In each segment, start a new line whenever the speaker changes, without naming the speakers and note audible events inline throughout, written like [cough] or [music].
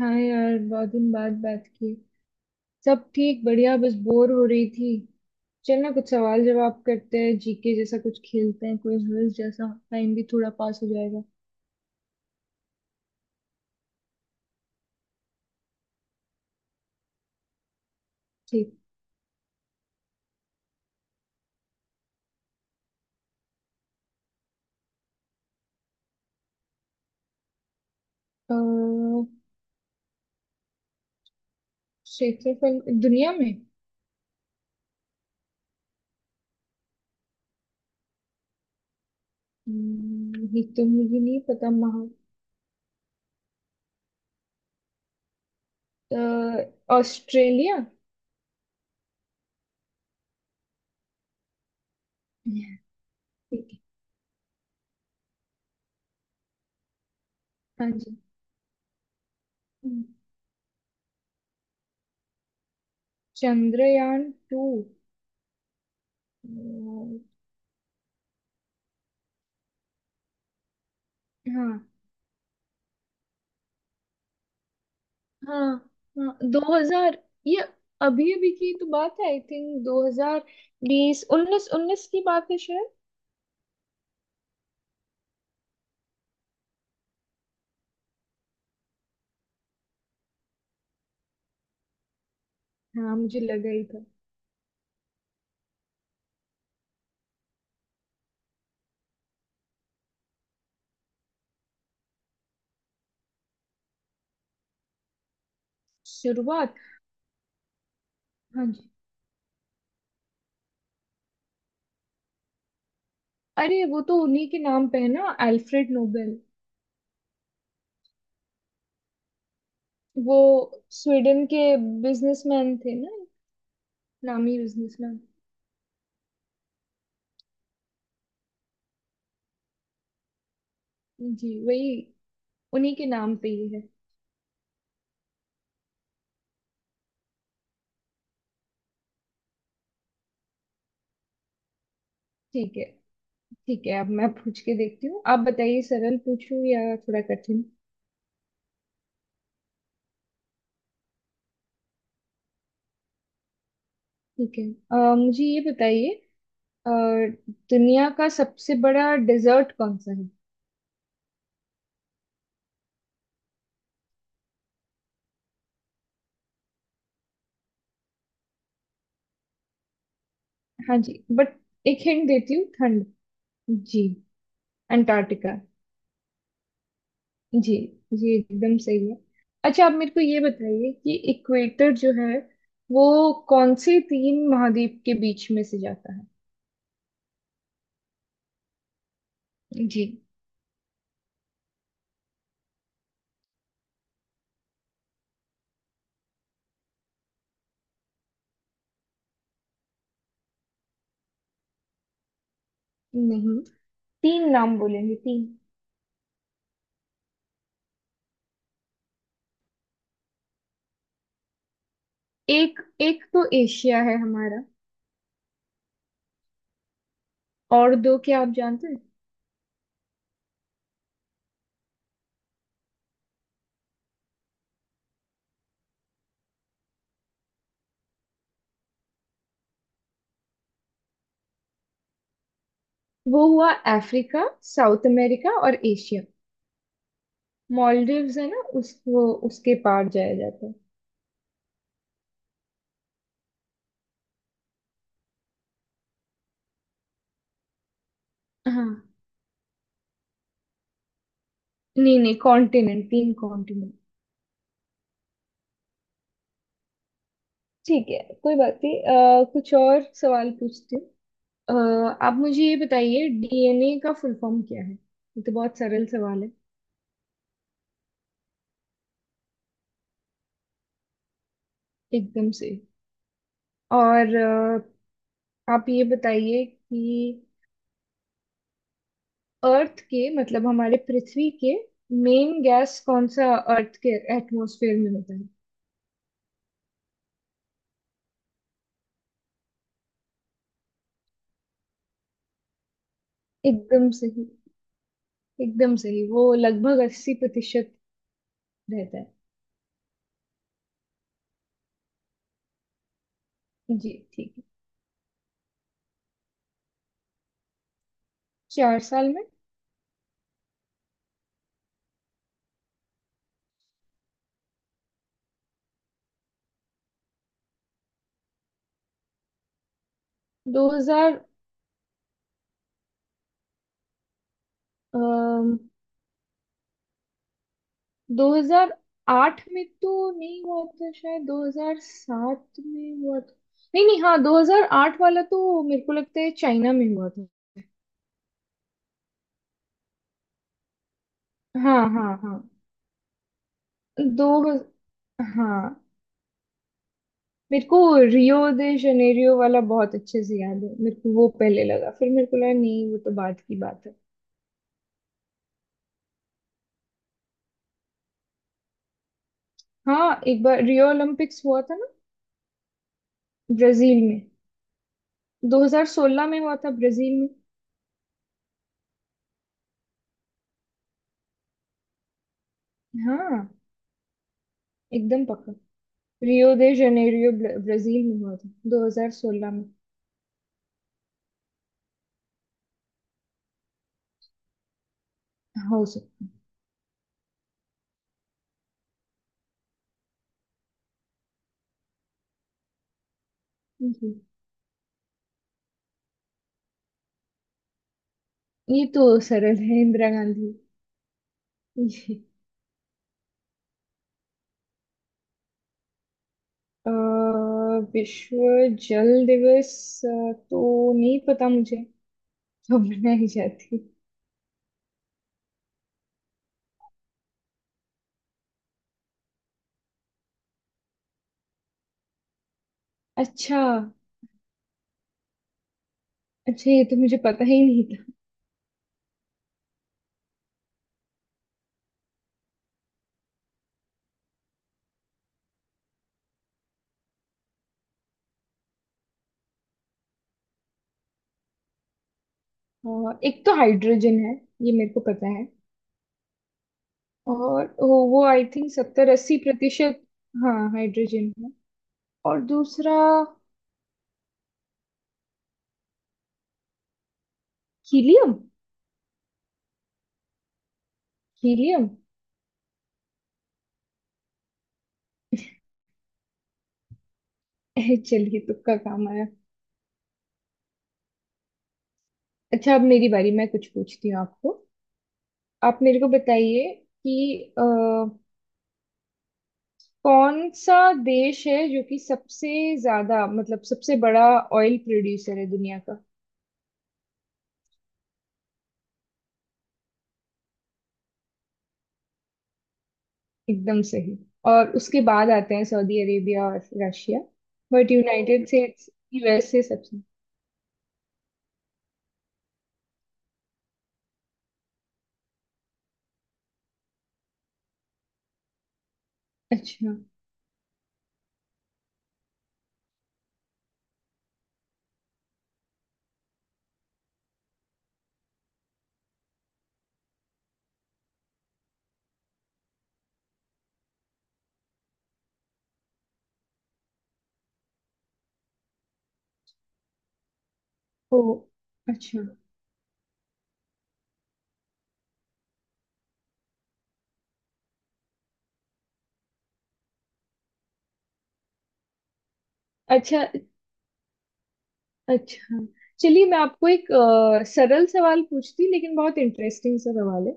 हाँ यार, बहुत दिन बाद बात की। सब ठीक, बढ़िया, बस बोर हो रही थी। चल ना, कुछ सवाल जवाब करते हैं, जीके जैसा कुछ खेलते हैं, क्विज विज जैसा, टाइम भी थोड़ा पास हो जाएगा। ठीक। अह, क्षेत्रफल दुनिया में। ये तो मुझे नहीं पता महा ऑस्ट्रेलिया। ठीक है। हाँ जी। हम्म, चंद्रयान टू। हाँ हाँ हाँ, दो हजार, ये अभी अभी की तो बात है। आई थिंक दो हजार बीस, उन्नीस उन्नीस की बात है शायद। हाँ, मुझे लगा ही था। शुरुआत। हाँ जी। अरे, वो तो उन्हीं के नाम पे है ना, अल्फ्रेड नोबेल। वो स्वीडन के बिजनेसमैन थे ना, नामी बिजनेसमैन। जी, वही उन्हीं के नाम पे ही है। ठीक है। ठीक है, अब मैं पूछ के देखती हूँ। आप बताइए, सरल पूछूं या थोड़ा कठिन। ठीक है। मुझे ये बताइए, अ, दुनिया का सबसे बड़ा डेजर्ट कौन सा है। हाँ जी, बट एक हिंट देती हूँ, ठंड। जी, अंटार्कटिका। जी जी, एकदम सही है। अच्छा, आप मेरे को ये बताइए कि इक्वेटर जो है वो कौन से तीन महाद्वीप के बीच में से जाता है। जी। नहीं, तीन नाम बोलेंगे, तीन। एक एक तो एशिया है हमारा, और दो क्या आप जानते हैं। वो हुआ अफ्रीका, साउथ अमेरिका और एशिया। मॉलडीव्स है ना, उस वो उसके पार जाया जाता है। हाँ। नहीं नहीं कॉन्टिनेंट, तीन कॉन्टिनेंट। ठीक है, कोई बात नहीं। कुछ और सवाल पूछती हूँ। अ, आप मुझे ये बताइए, डीएनए का फुल फॉर्म क्या है, ये तो बहुत सरल सवाल है। एकदम से। और आप ये बताइए कि अर्थ के, मतलब हमारे पृथ्वी के मेन गैस कौन सा अर्थ के एटमॉस्फेयर में होता है। एकदम सही, एकदम सही। वो लगभग 80% रहता है। जी, ठीक है। चार साल में। 2000। अम, 2008 में तो नहीं हुआ था, शायद 2007 में हुआ था। नहीं नहीं, हाँ, 2008 वाला तो मेरे को लगता है चाइना में हुआ था। हाँ हाँ हाँ। दो हज- हाँ, मेरे को रियो दे जनेरियो वाला बहुत अच्छे से याद है। मेरे को वो पहले लगा, फिर मेरे को लगा नहीं, वो तो बाद की बात है। हाँ, एक बार रियो ओलंपिक्स हुआ था ना, ब्राजील में। 2016 में हुआ था, ब्राजील में। हाँ, एकदम पक्का। रियो दे जनेरियो, ब्राजील में हुआ था, 2016 में। हो सकता। जी, ये तो सरल है, इंदिरा गांधी। ये, अ, विश्व जल दिवस तो नहीं पता मुझे कब मनाई जाती है। अच्छा। अच्छा, ये तो मुझे पता ही नहीं था। एक तो हाइड्रोजन है, ये मेरे को पता है। और वो आई थिंक 70 80%। हाँ, हाइड्रोजन है। और दूसरा हीलियम, हीलियम। [laughs] चलिए, तुक्का काम आया। अच्छा, अब मेरी बारी, मैं कुछ पूछती हूँ आपको। आप मेरे को बताइए कि कौन सा देश है जो कि सबसे ज्यादा, मतलब सबसे बड़ा ऑयल प्रोड्यूसर है दुनिया का। एकदम सही। और उसके बाद आते हैं सऊदी अरेबिया और Russia. But United States, USA सबसे। अच्छा। ओ, अच्छा। अच्छा, अच्छा। चलिए, मैं आपको एक सरल सवाल पूछती, लेकिन बहुत इंटरेस्टिंग सा सवाल है,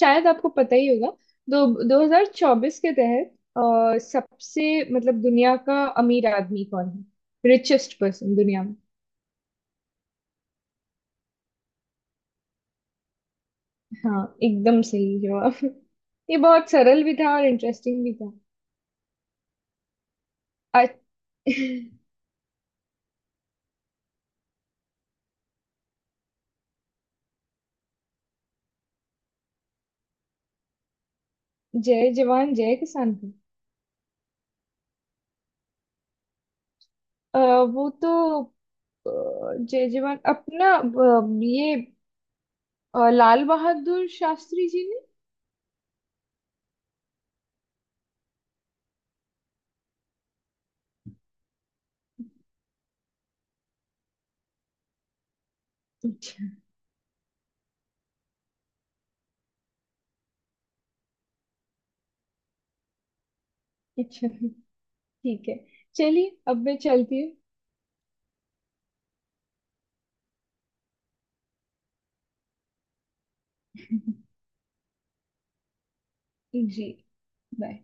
शायद आपको पता ही होगा। दो 2024 के तहत सबसे, मतलब दुनिया का अमीर आदमी कौन है, रिचेस्ट पर्सन दुनिया में। हाँ, एकदम सही जवाब। ये बहुत सरल भी था और इंटरेस्टिंग भी था। आज- [laughs] जय जवान जय किसान का। अ, वो तो अ, जय जवान अपना ये लाल बहादुर शास्त्री जी ने। अच्छा। अच्छा, ठीक है। चलिए, अब मैं चलती हूँ। [laughs] जी, बाय।